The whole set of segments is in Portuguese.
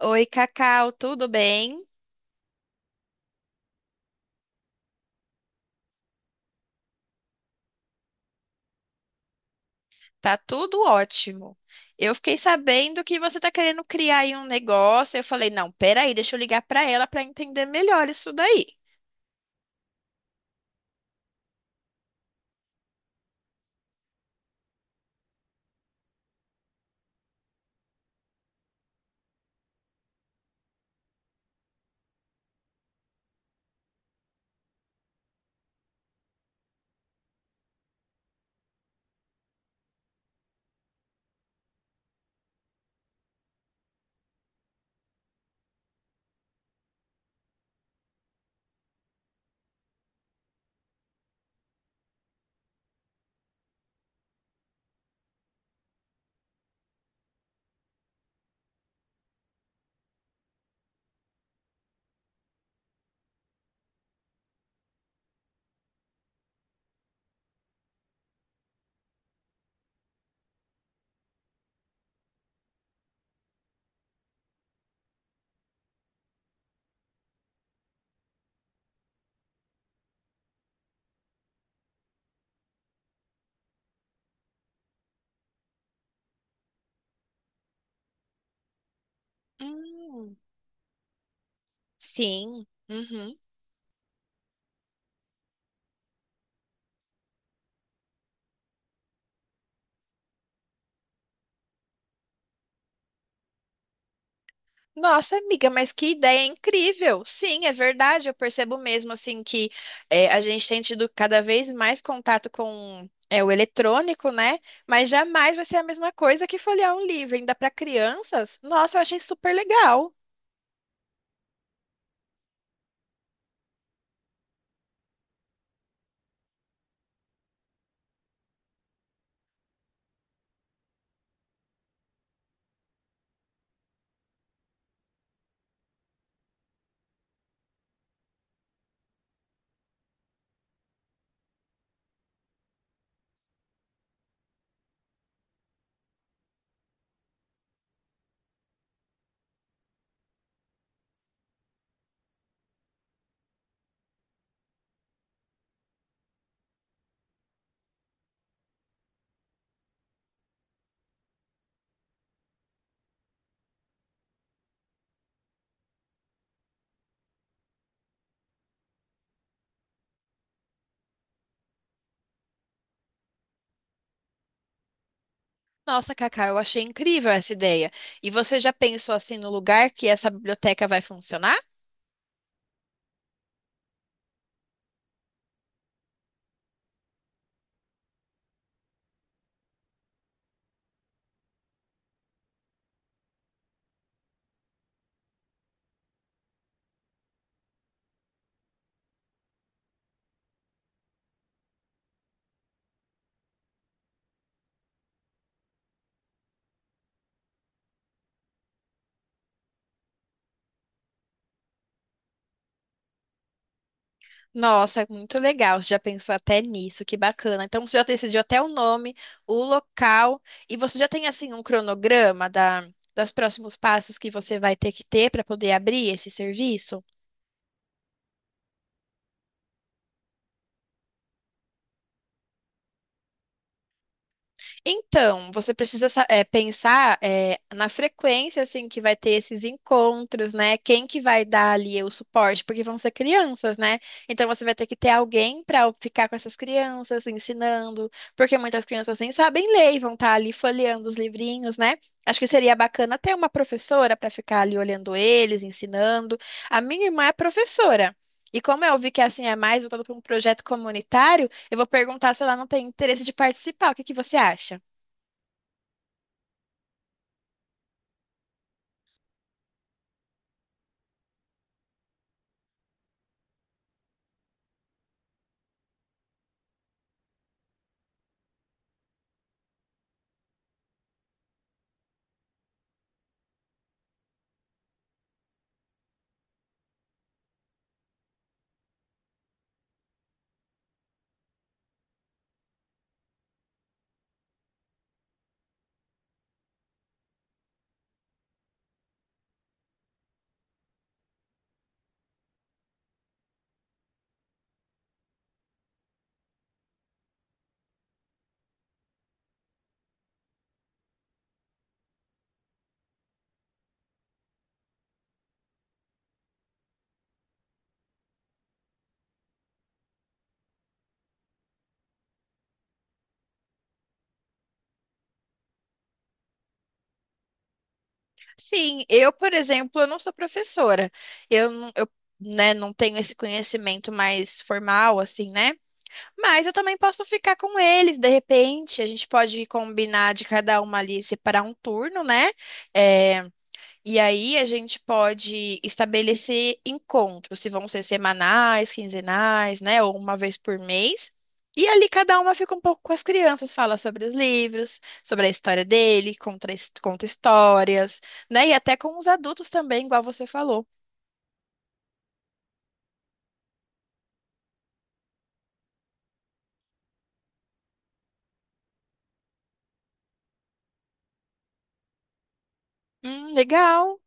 Oi, Cacau, tudo bem? Tá tudo ótimo. Eu fiquei sabendo que você tá querendo criar aí um negócio. Eu falei, não, peraí, deixa eu ligar pra ela pra entender melhor isso daí. Hum, sim. Uhum. Nossa, amiga, mas que ideia incrível! Sim, é verdade. Eu percebo mesmo assim que a gente tem tido cada vez mais contato com o eletrônico, né? Mas jamais vai ser a mesma coisa que folhear um livro, ainda para crianças. Nossa, eu achei super legal. Nossa, Cacá, eu achei incrível essa ideia. E você já pensou assim no lugar que essa biblioteca vai funcionar? Nossa, muito legal. Você já pensou até nisso, que bacana. Então você já decidiu até o nome, o local, e você já tem assim um cronograma da, das próximos passos que você vai ter que ter para poder abrir esse serviço? Então, você precisa pensar na frequência assim que vai ter esses encontros, né? Quem que vai dar ali o suporte, porque vão ser crianças, né? Então você vai ter que ter alguém para ficar com essas crianças ensinando, porque muitas crianças nem sabem ler e vão estar ali folheando os livrinhos, né? Acho que seria bacana ter uma professora para ficar ali olhando eles, ensinando. A minha irmã é professora. E como eu vi que assim é mais voltado para um projeto comunitário, eu vou perguntar se ela não tem interesse de participar. O que que você acha? Sim, eu, por exemplo, eu não sou professora. Eu, não- eu, né, não tenho esse conhecimento mais formal, assim, né? Mas eu também posso ficar com eles, de repente. A gente pode combinar de cada uma ali separar um turno, né? É, E aí a gente pode estabelecer encontros, se vão ser semanais, quinzenais, né, ou uma vez por mês. E ali cada uma fica um pouco com as crianças, fala sobre os livros, sobre a história dele, conta histórias, né? E até com os adultos também, igual você falou. Legal.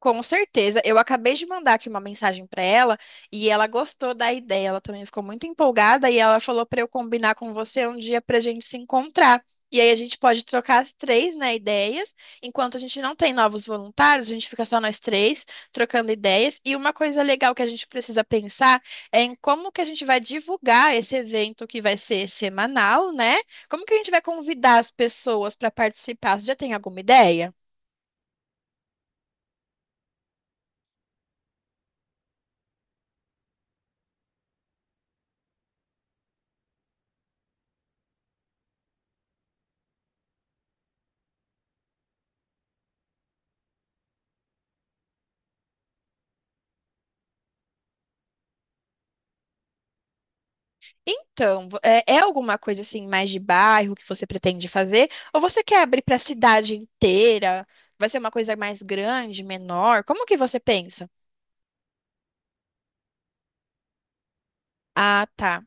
Com certeza. Eu acabei de mandar aqui uma mensagem para ela e ela gostou da ideia. Ela também ficou muito empolgada e ela falou para eu combinar com você um dia para a gente se encontrar. E aí a gente pode trocar as três, né, ideias. Enquanto a gente não tem novos voluntários, a gente fica só nós três trocando ideias. E uma coisa legal que a gente precisa pensar é em como que a gente vai divulgar esse evento que vai ser semanal, né? Como que a gente vai convidar as pessoas para participar? Você já tem alguma ideia? Então, é alguma coisa assim mais de bairro que você pretende fazer? Ou você quer abrir para a cidade inteira? Vai ser uma coisa mais grande, menor? Como que você pensa? Ah, tá.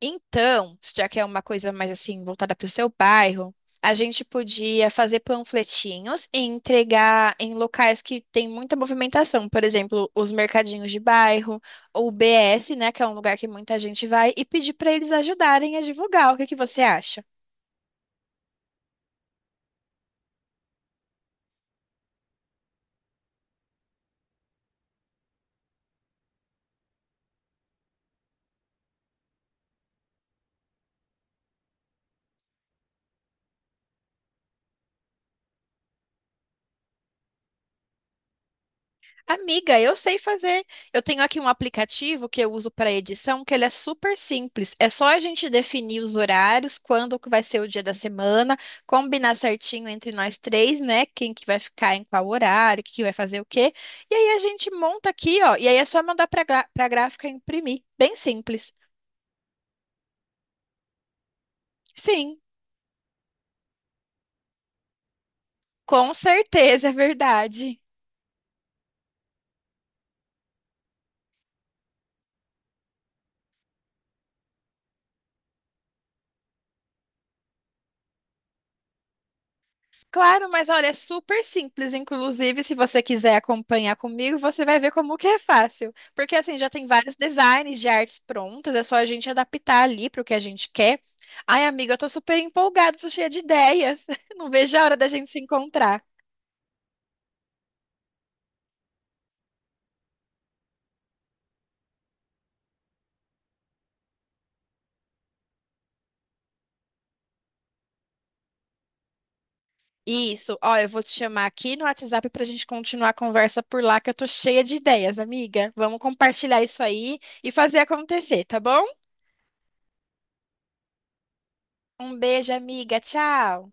Então, já que é uma coisa mais assim voltada para o seu bairro, a gente podia fazer panfletinhos e entregar em locais que tem muita movimentação, por exemplo, os mercadinhos de bairro ou o BS, né, que é um lugar que muita gente vai, e pedir para eles ajudarem a divulgar. O que que você acha? Amiga, eu sei fazer. Eu tenho aqui um aplicativo que eu uso para edição, que ele é super simples. É só a gente definir os horários, quando que vai ser o dia da semana, combinar certinho entre nós três, né? Quem que vai ficar em qual horário, que vai fazer o quê. E aí a gente monta aqui, ó. E aí é só mandar para a gráfica imprimir. Bem simples. Sim, com certeza, é verdade. Claro, mas olha, é super simples. Inclusive, se você quiser acompanhar comigo, você vai ver como que é fácil. Porque assim, já tem vários designs de artes prontas, é só a gente adaptar ali para o que a gente quer. Ai, amiga, eu tô super empolgada, tô cheia de ideias. Não vejo a hora da gente se encontrar. Isso, ó, eu vou te chamar aqui no WhatsApp pra gente continuar a conversa por lá, que eu tô cheia de ideias, amiga. Vamos compartilhar isso aí e fazer acontecer, tá bom? Um beijo, amiga. Tchau.